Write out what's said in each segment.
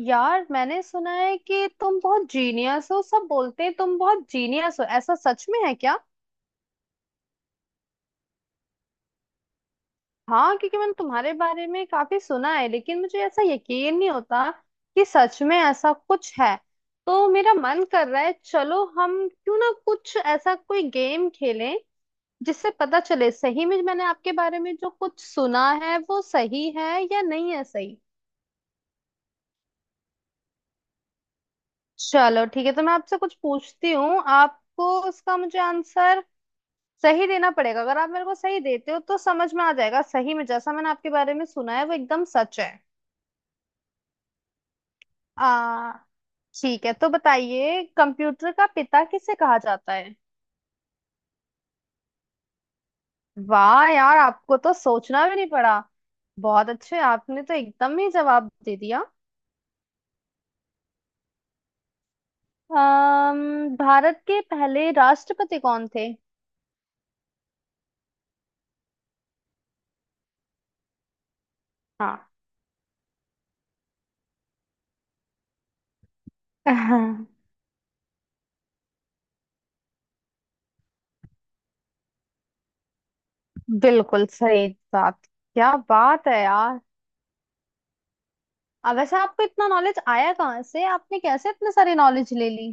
यार मैंने सुना है कि तुम बहुत जीनियस हो। सब बोलते हैं तुम बहुत जीनियस हो, ऐसा सच में है क्या? हाँ, क्योंकि मैंने तुम्हारे बारे में काफी सुना है, लेकिन मुझे ऐसा यकीन नहीं होता कि सच में ऐसा कुछ है। तो मेरा मन कर रहा है, चलो हम क्यों ना कुछ ऐसा कोई गेम खेलें जिससे पता चले सही में मैंने आपके बारे में जो कुछ सुना है वो सही है या नहीं। है सही। चलो ठीक है, तो मैं आपसे कुछ पूछती हूँ, आपको उसका मुझे आंसर सही देना पड़ेगा। अगर आप मेरे को सही देते हो तो समझ में आ जाएगा सही में जैसा मैंने आपके बारे में सुना है वो एकदम सच है। आ ठीक है, तो बताइए कंप्यूटर का पिता किसे कहा जाता है? वाह यार, आपको तो सोचना भी नहीं पड़ा। बहुत अच्छे, आपने तो एकदम ही जवाब दे दिया। भारत के पहले राष्ट्रपति कौन थे? हाँ। बिल्कुल सही बात। क्या बात है यार! अब वैसे आपको इतना नॉलेज आया कहाँ से? आपने कैसे इतने सारी नॉलेज ले ली?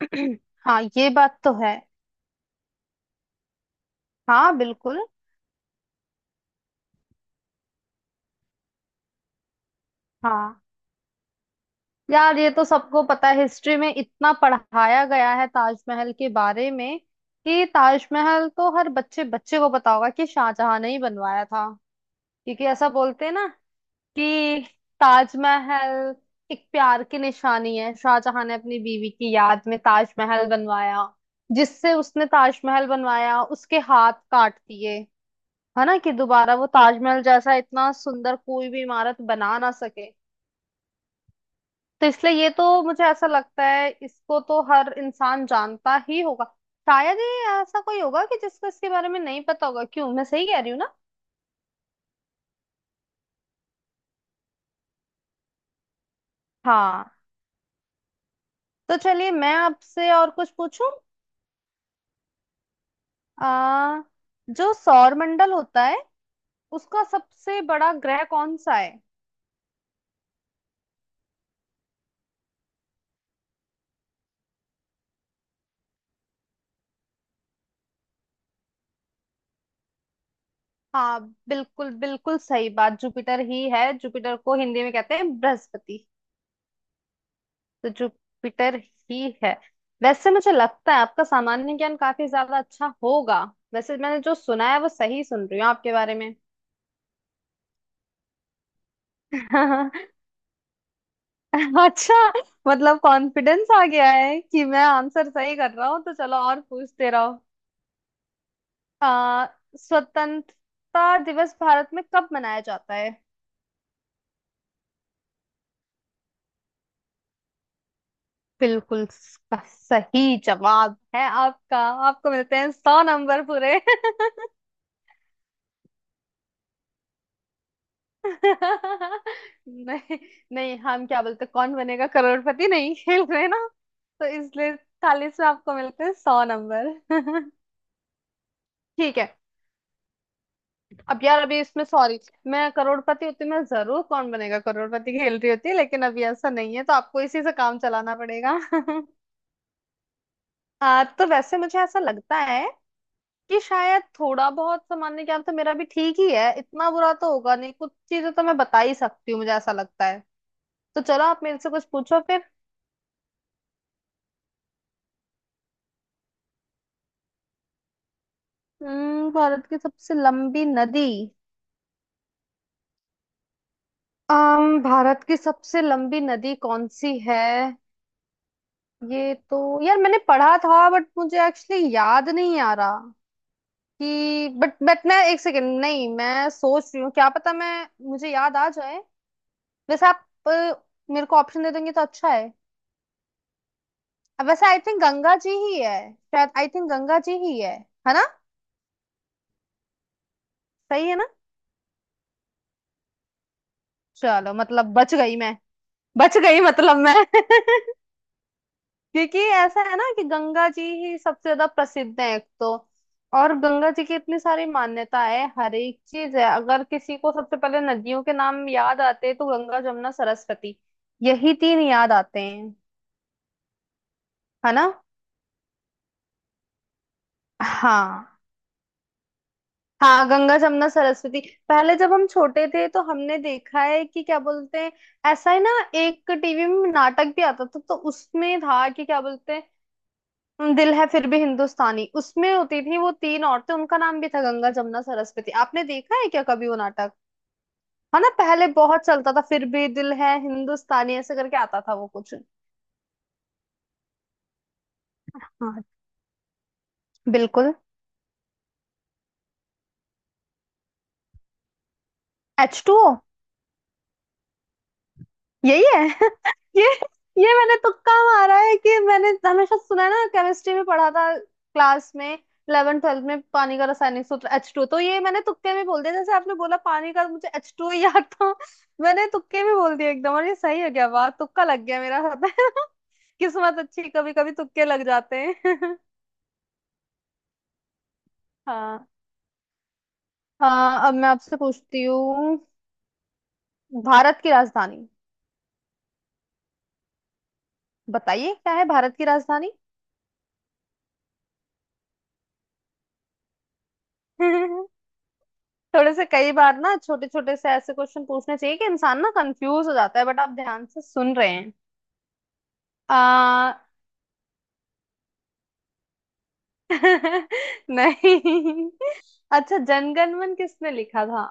हाँ, ये बात तो है। हाँ बिल्कुल। हाँ यार, ये तो सबको पता है, हिस्ट्री में इतना पढ़ाया गया है ताजमहल के बारे में कि ताजमहल तो हर बच्चे बच्चे को पता होगा कि शाहजहां ने ही बनवाया था। क्योंकि ऐसा बोलते हैं ना कि ताजमहल एक प्यार की निशानी है। शाहजहां ने अपनी बीवी की याद में ताजमहल बनवाया। जिससे उसने ताजमहल बनवाया उसके हाथ काट दिए, है ना, कि दोबारा वो ताजमहल जैसा इतना सुंदर कोई भी इमारत बना ना सके। तो इसलिए ये तो मुझे ऐसा लगता है इसको तो हर इंसान जानता ही होगा। शायद ही ऐसा कोई होगा कि जिसको इसके बारे में नहीं पता होगा। क्यों, मैं सही कह रही हूँ ना? हाँ। तो चलिए मैं आपसे और कुछ पूछूं। आ जो सौर मंडल होता है उसका सबसे बड़ा ग्रह कौन सा है? हाँ बिल्कुल, बिल्कुल सही बात, जुपिटर ही है। जुपिटर को हिंदी में कहते हैं बृहस्पति। तो जुपिटर ही है। वैसे मुझे लगता है आपका सामान्य ज्ञान काफी ज्यादा अच्छा होगा। वैसे मैंने जो सुना है वो सही सुन रही हूँ आपके बारे में। अच्छा। मतलब कॉन्फिडेंस आ गया है कि मैं आंसर सही कर रहा हूँ तो चलो और पूछते रहो। आ, स्वतंत्रता दिवस भारत में कब मनाया जाता है? बिल्कुल सही जवाब है आपका। आपको मिलते हैं 100 नंबर पूरे। नहीं नहीं, हम क्या बोलते, कौन बनेगा करोड़पति नहीं खेल रहे ना। तो इसलिए 40 में आपको मिलते हैं सौ नंबर। ठीक है। अब यार, अभी इसमें सॉरी, मैं करोड़पति होती मैं जरूर कौन बनेगा करोड़पति खेल रही होती, लेकिन अभी ऐसा नहीं है तो आपको इसी से काम चलाना पड़ेगा। तो वैसे मुझे ऐसा लगता है कि शायद थोड़ा बहुत सामान्य ज्ञान तो मेरा भी ठीक ही है। इतना बुरा तो होगा नहीं, कुछ चीजें तो मैं बता ही सकती हूँ, मुझे ऐसा लगता है। तो चलो आप मेरे से कुछ पूछो। भारत की सबसे लंबी नदी। अम भारत की सबसे लंबी नदी कौन सी है? ये तो यार, मैंने पढ़ा था बट मुझे एक्चुअली याद नहीं आ रहा कि बट मैं एक सेकेंड, नहीं मैं सोच रही हूँ क्या पता मैं मुझे याद आ जाए। वैसे आप मेरे को ऑप्शन दे देंगे तो अच्छा है। अब वैसे आई थिंक गंगा जी ही है शायद, आई थिंक गंगा जी ही है ना? सही है ना? चलो मतलब बच गई मैं, बच गई मतलब मैं। क्योंकि ऐसा है ना कि गंगा जी ही सबसे ज्यादा प्रसिद्ध है एक तो, और गंगा जी की इतनी सारी मान्यता है, हर एक चीज है। अगर किसी को सबसे पहले नदियों के नाम याद आते हैं तो गंगा जमुना सरस्वती, यही तीन याद आते हैं, है ना? हाँ। हाँ गंगा जमुना सरस्वती, पहले जब हम छोटे थे तो हमने देखा है, कि क्या बोलते हैं, ऐसा ही ना, एक टीवी में नाटक भी आता था, तो उसमें था, कि क्या बोलते हैं, दिल है फिर भी हिंदुस्तानी। उसमें होती थी वो तीन औरतें, उनका नाम भी था गंगा जमुना सरस्वती। आपने देखा है क्या कभी वो नाटक? है ना, पहले बहुत चलता था। फिर भी दिल है हिंदुस्तानी, ऐसे करके आता था वो कुछ। हाँ बिल्कुल। H two O. यही है। ये ये मैंने तुक्का मारा है, कि मैंने हमेशा सुना है ना, केमिस्ट्री में पढ़ा था क्लास में 11 ट्वेल्थ में पानी का रासायनिक सूत्र एच टू, तो ये मैंने तुक्के में बोल दिया। जैसे आपने बोला पानी का, मुझे एच टू याद था, मैंने तुक्के में बोल दिया एकदम। और ये सही है क्या? वाह तुक्का लग गया मेरा। पता है ना? किस्मत अच्छी, कभी कभी तुक्के लग जाते हैं। हाँ। हाँ अब मैं आपसे पूछती हूँ भारत की राजधानी, बताइए क्या है भारत की राजधानी? थोड़े से कई बार ना छोटे छोटे से ऐसे क्वेश्चन पूछने चाहिए कि इंसान ना कंफ्यूज हो जाता है, बट आप ध्यान से सुन रहे हैं। आ... नहीं। अच्छा जनगणमन किसने लिखा था?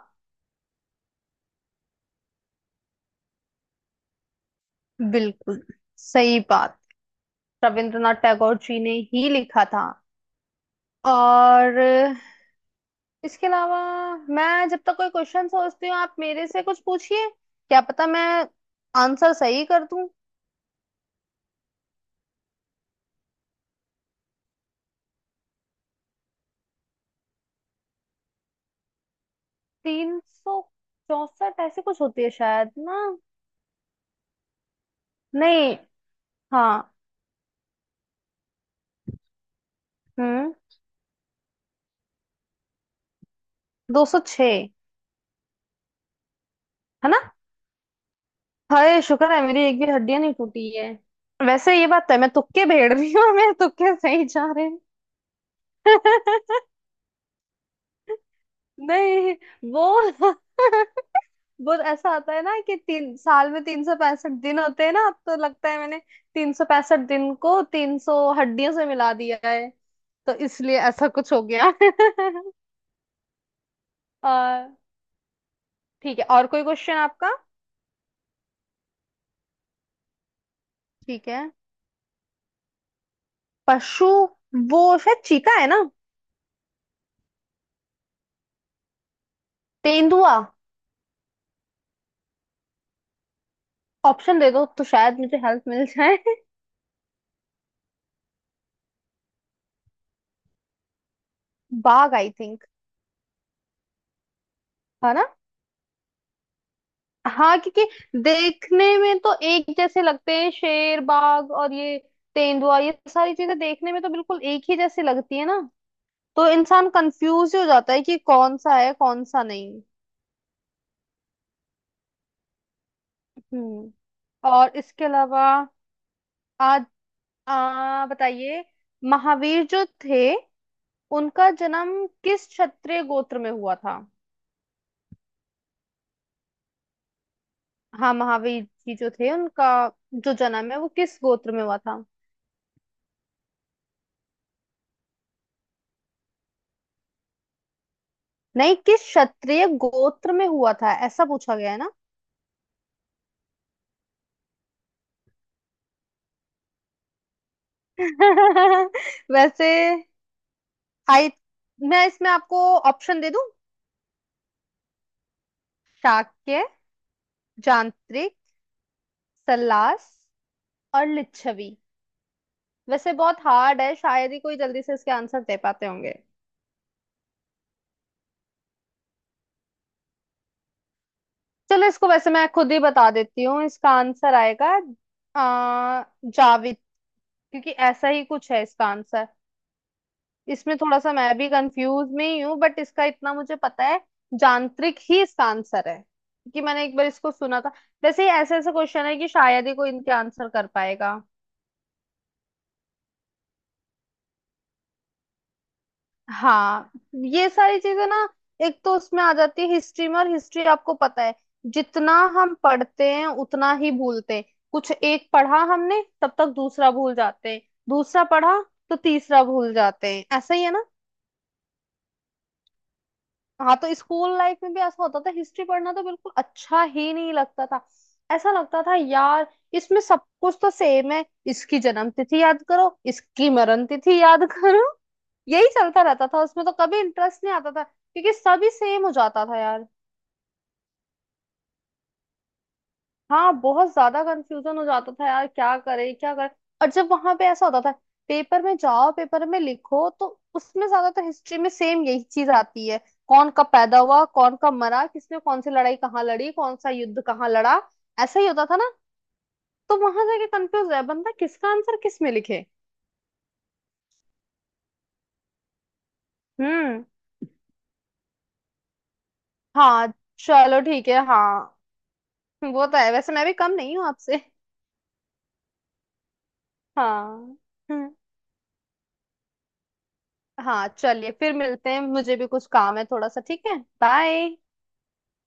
बिल्कुल सही बात। रविंद्रनाथ टैगोर जी ने ही लिखा था। और इसके अलावा, मैं जब तक कोई क्वेश्चन सोचती हूँ आप मेरे से कुछ पूछिए, क्या पता मैं आंसर सही कर दूं। 364 ऐसे कुछ होती है शायद ना? नहीं। हाँ। हम्म 206। है ना? हाय शुक्र है मेरी एक भी हड्डियां नहीं टूटी है। वैसे ये बात है मैं तुक्के भेड़ रही हूँ, मेरे तुक्के सही जा रहे हैं। नहीं, वो, वो ऐसा आता है ना कि 3 साल में 365 दिन होते हैं ना, अब तो लगता है मैंने 365 दिन को 300 हड्डियों से मिला दिया है, तो इसलिए ऐसा कुछ हो गया। आ, ठीक है, और कोई क्वेश्चन आपका? ठीक है। पशु, वो शायद चीता है ना, तेंदुआ? ऑप्शन दे दो तो शायद मुझे हेल्प मिल जाए। बाघ आई थिंक? है ना? हाँ, क्योंकि देखने में तो एक जैसे लगते हैं शेर बाघ और ये, तेंदुआ, ये सारी चीजें देखने में तो बिल्कुल एक ही जैसी लगती है ना, तो इंसान कंफ्यूज हो जाता है कि कौन सा है कौन सा नहीं। हम्म और इसके अलावा, आज, बताइए, महावीर जो थे उनका जन्म किस क्षत्रिय गोत्र में हुआ था? हाँ महावीर जी जो थे उनका जो जन्म है वो किस गोत्र में हुआ था? नहीं, किस क्षत्रिय गोत्र में हुआ था ऐसा पूछा गया है ना। वैसे हाइट, मैं इसमें आपको ऑप्शन दे दूं। शाक्य, जानत्रिक, सल्लास और लिच्छवी। वैसे बहुत हार्ड है, शायद ही कोई जल्दी से इसके आंसर दे पाते होंगे। चलो इसको वैसे मैं खुद ही बता देती हूँ, इसका आंसर आएगा जाविद, क्योंकि ऐसा ही कुछ है इसका आंसर। इसमें थोड़ा सा मैं भी कंफ्यूज में ही हूँ बट इसका इतना मुझे पता है यांत्रिक ही इसका आंसर है, क्योंकि मैंने एक बार इसको सुना था। वैसे ऐसे ऐसे क्वेश्चन है कि शायद ही कोई इनके आंसर कर पाएगा। हाँ, ये सारी चीजें ना, एक तो उसमें आ जाती है हिस्ट्री में, और हिस्ट्री आपको पता है जितना हम पढ़ते हैं उतना ही भूलते हैं। कुछ एक पढ़ा हमने तब तक दूसरा भूल जाते हैं, दूसरा पढ़ा तो तीसरा भूल जाते हैं, ऐसा ही है ना। हाँ, तो स्कूल लाइफ में भी ऐसा होता था, हिस्ट्री पढ़ना तो बिल्कुल अच्छा ही नहीं लगता था। ऐसा लगता था यार, इसमें सब कुछ तो सेम है, इसकी जन्म तिथि याद करो, इसकी मरण तिथि याद करो, यही चलता रहता था उसमें, तो कभी इंटरेस्ट नहीं आता था क्योंकि सभी सेम हो जाता था यार। हाँ बहुत ज्यादा कंफ्यूजन हो जाता था यार, क्या करे क्या करे? और जब वहां पे ऐसा होता था, पेपर में जाओ पेपर में लिखो तो उसमें ज्यादातर हिस्ट्री में सेम यही चीज आती है, कौन कब पैदा हुआ कौन कब मरा, किसने कौन सी लड़ाई कहाँ लड़ी, कौन सा युद्ध कहाँ लड़ा, ऐसा ही होता था ना। तो वहां जाके कंफ्यूज है बंदा किसका आंसर किस में लिखे। हम्म, हाँ चलो ठीक है हाँ। वो तो है, वैसे मैं भी कम नहीं हूँ आपसे। हाँ। हम्म, हाँ चलिए फिर मिलते हैं, मुझे भी कुछ काम है थोड़ा सा, ठीक है, बाय।